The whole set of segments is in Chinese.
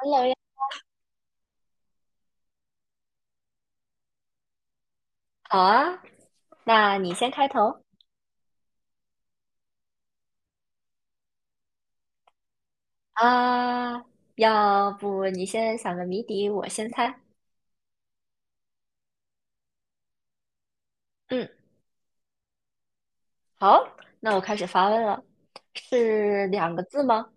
Hello 呀，好啊，那你先开头啊，要不你先想个谜底，我先猜。嗯，好，那我开始发问了。是两个字吗？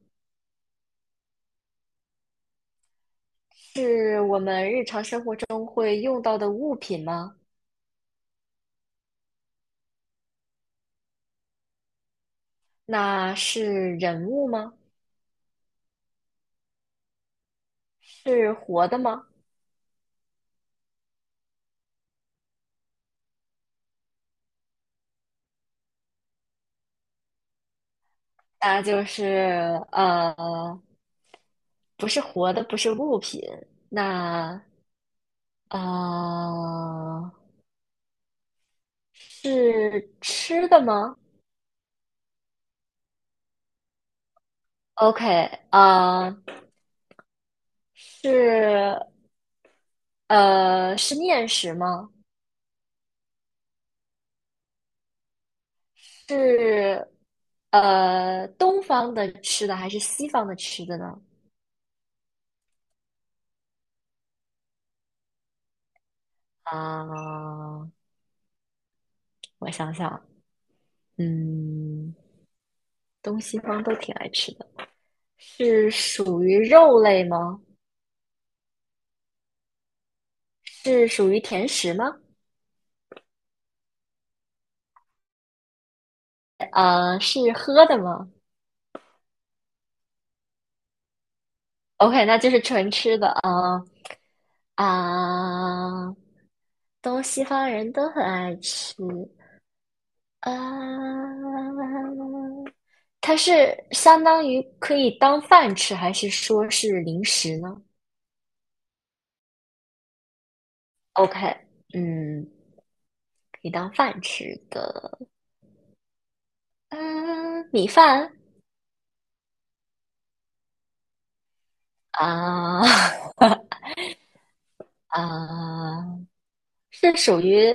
是我们日常生活中会用到的物品吗？那是人物吗？是活的吗？那就是不是活的，不是物品。那啊，是吃的吗？OK，啊、是是面食吗？是东方的吃的还是西方的吃的呢？啊、我想想，嗯，东西方都挺爱吃的。是属于肉类吗？是属于甜食吗？啊，是喝的吗？OK，那就是纯吃的啊啊、东西方人都很爱吃，啊，它是相当于可以当饭吃，还是说是零食呢？OK，嗯，可以当饭吃的，嗯，米饭啊 啊，是属于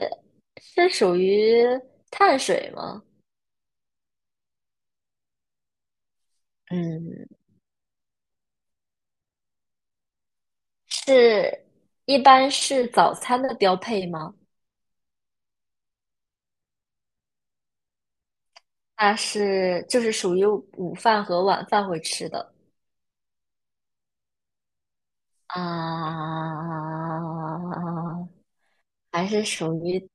是属于碳水吗？嗯，是一般是早餐的标配吗？那是就是属于午饭和晚饭会吃的。啊，还是属于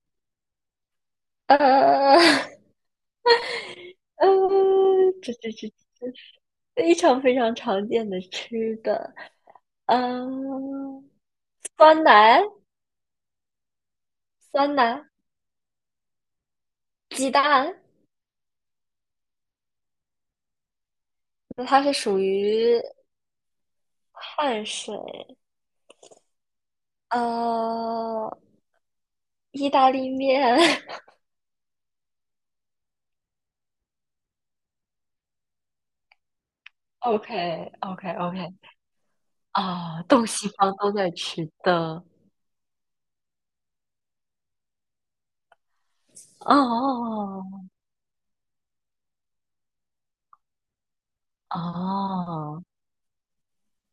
呃呃，这非常非常常见的吃的，嗯、酸奶、酸奶、鸡蛋，那它是属于碳水，呃，意大利面 o k o k o k 啊，东西方都在吃的，哦哦。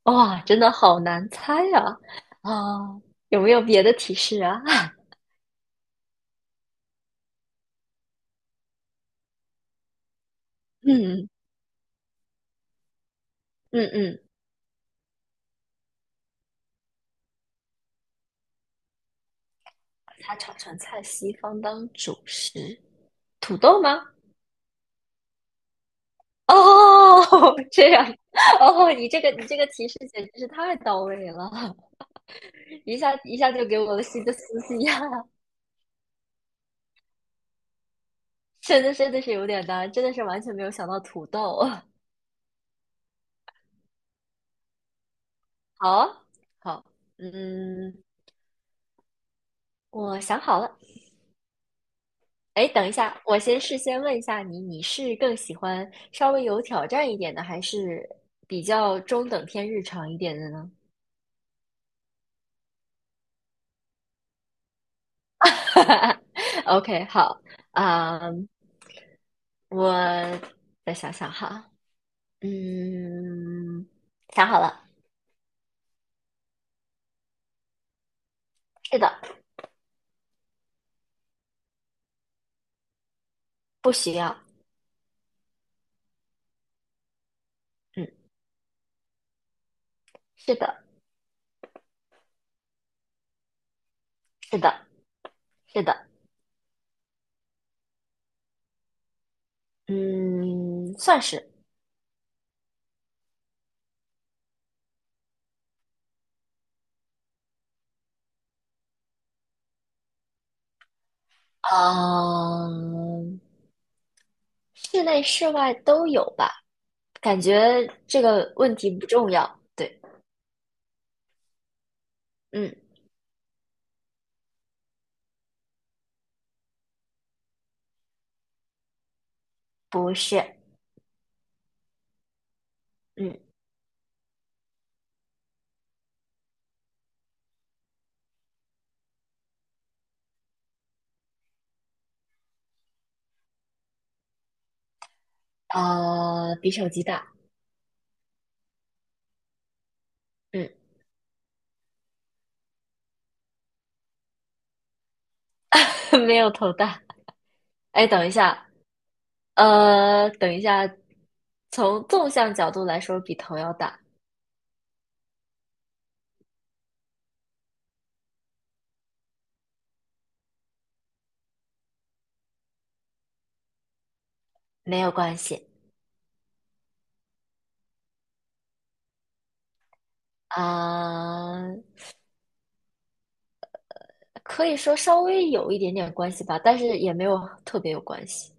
哇，真的好难猜呀！啊，有没有别的提示啊？嗯嗯，它炒成菜，西方当主食，土豆吗？哦，这样，哦，你这个提示简直是太到位了，一下就给我了新的思绪呀、真的真的是有点难，真的是完全没有想到土豆。好啊，好，嗯，我想好了。哎，等一下，我先事先问一下你，你是更喜欢稍微有挑战一点的，还是比较中等偏日常一点的呢 ？OK，好，啊、我再想想哈，嗯，想好了，是的，不需要，嗯，是的，是的，是的，嗯，算是，嗯，室内室外都有吧，感觉这个问题不重要，对，嗯。不是，嗯，比手机大，嗯，没有头大。哎，等一下，等一下，从纵向角度来说，比头要大，没有关系啊，可以说稍微有一点点关系吧，但是也没有特别有关系。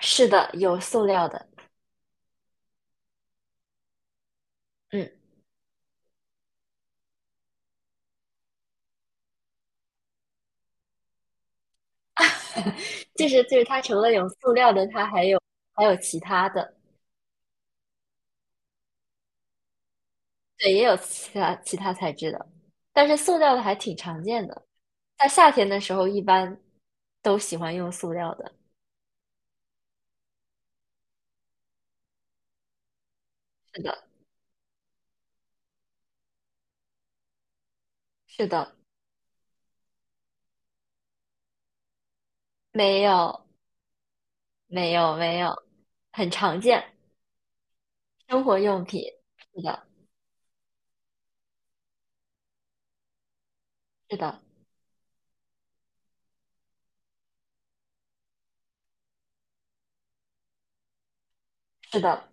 是的，有塑料的，嗯，就是它除了有塑料的，它还有其他的，对，也有其他材质的，但是塑料的还挺常见的。在夏天的时候一般都喜欢用塑料的。是的，是的，没有，没有，很常见。生活用品，是的，是的，是的。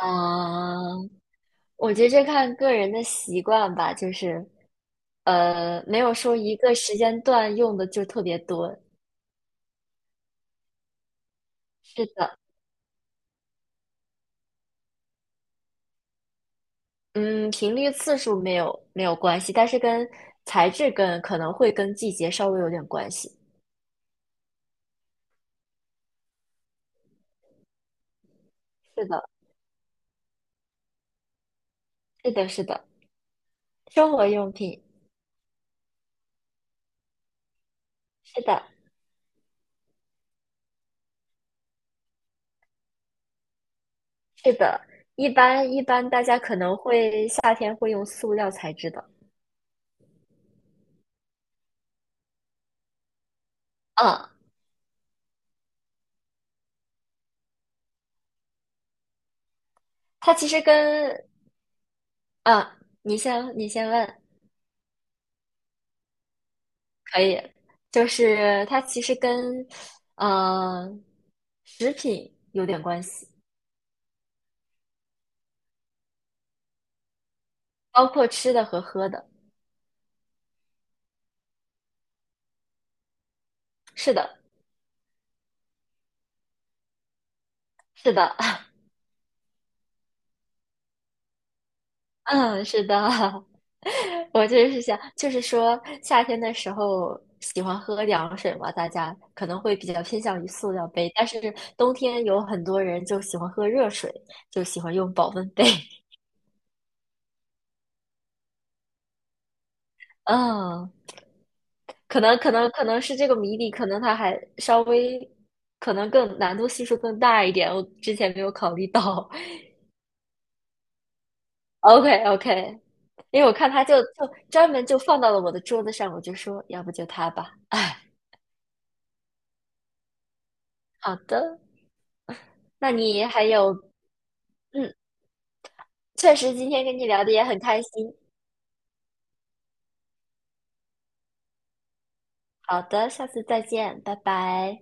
嗯，我觉得这看个人的习惯吧，就是，没有说一个时间段用的就特别多。是的，嗯，频率次数没有关系，但是跟材质跟可能会跟季节稍微有点关系。是的，是的，是的，生活用品。是的，是的，一般大家可能会夏天会用塑料材质的，嗯，它其实跟嗯，你先问，可以，就是它其实跟呃食品有点关系，包括吃的和喝的，是的，是的，嗯，是的，我就是想，就是说夏天的时候喜欢喝凉水嘛，大家可能会比较偏向于塑料杯，但是冬天有很多人就喜欢喝热水，就喜欢用保温杯。嗯，可能可能是这个谜底，可能它还稍微，可能更难度系数更大一点，我之前没有考虑到。OK OK，因为我看他就专门就放到了我的桌子上，我就说要不就它吧。哎，好的。那你还有，嗯，确实今天跟你聊的也很开心。好的，下次再见，拜拜。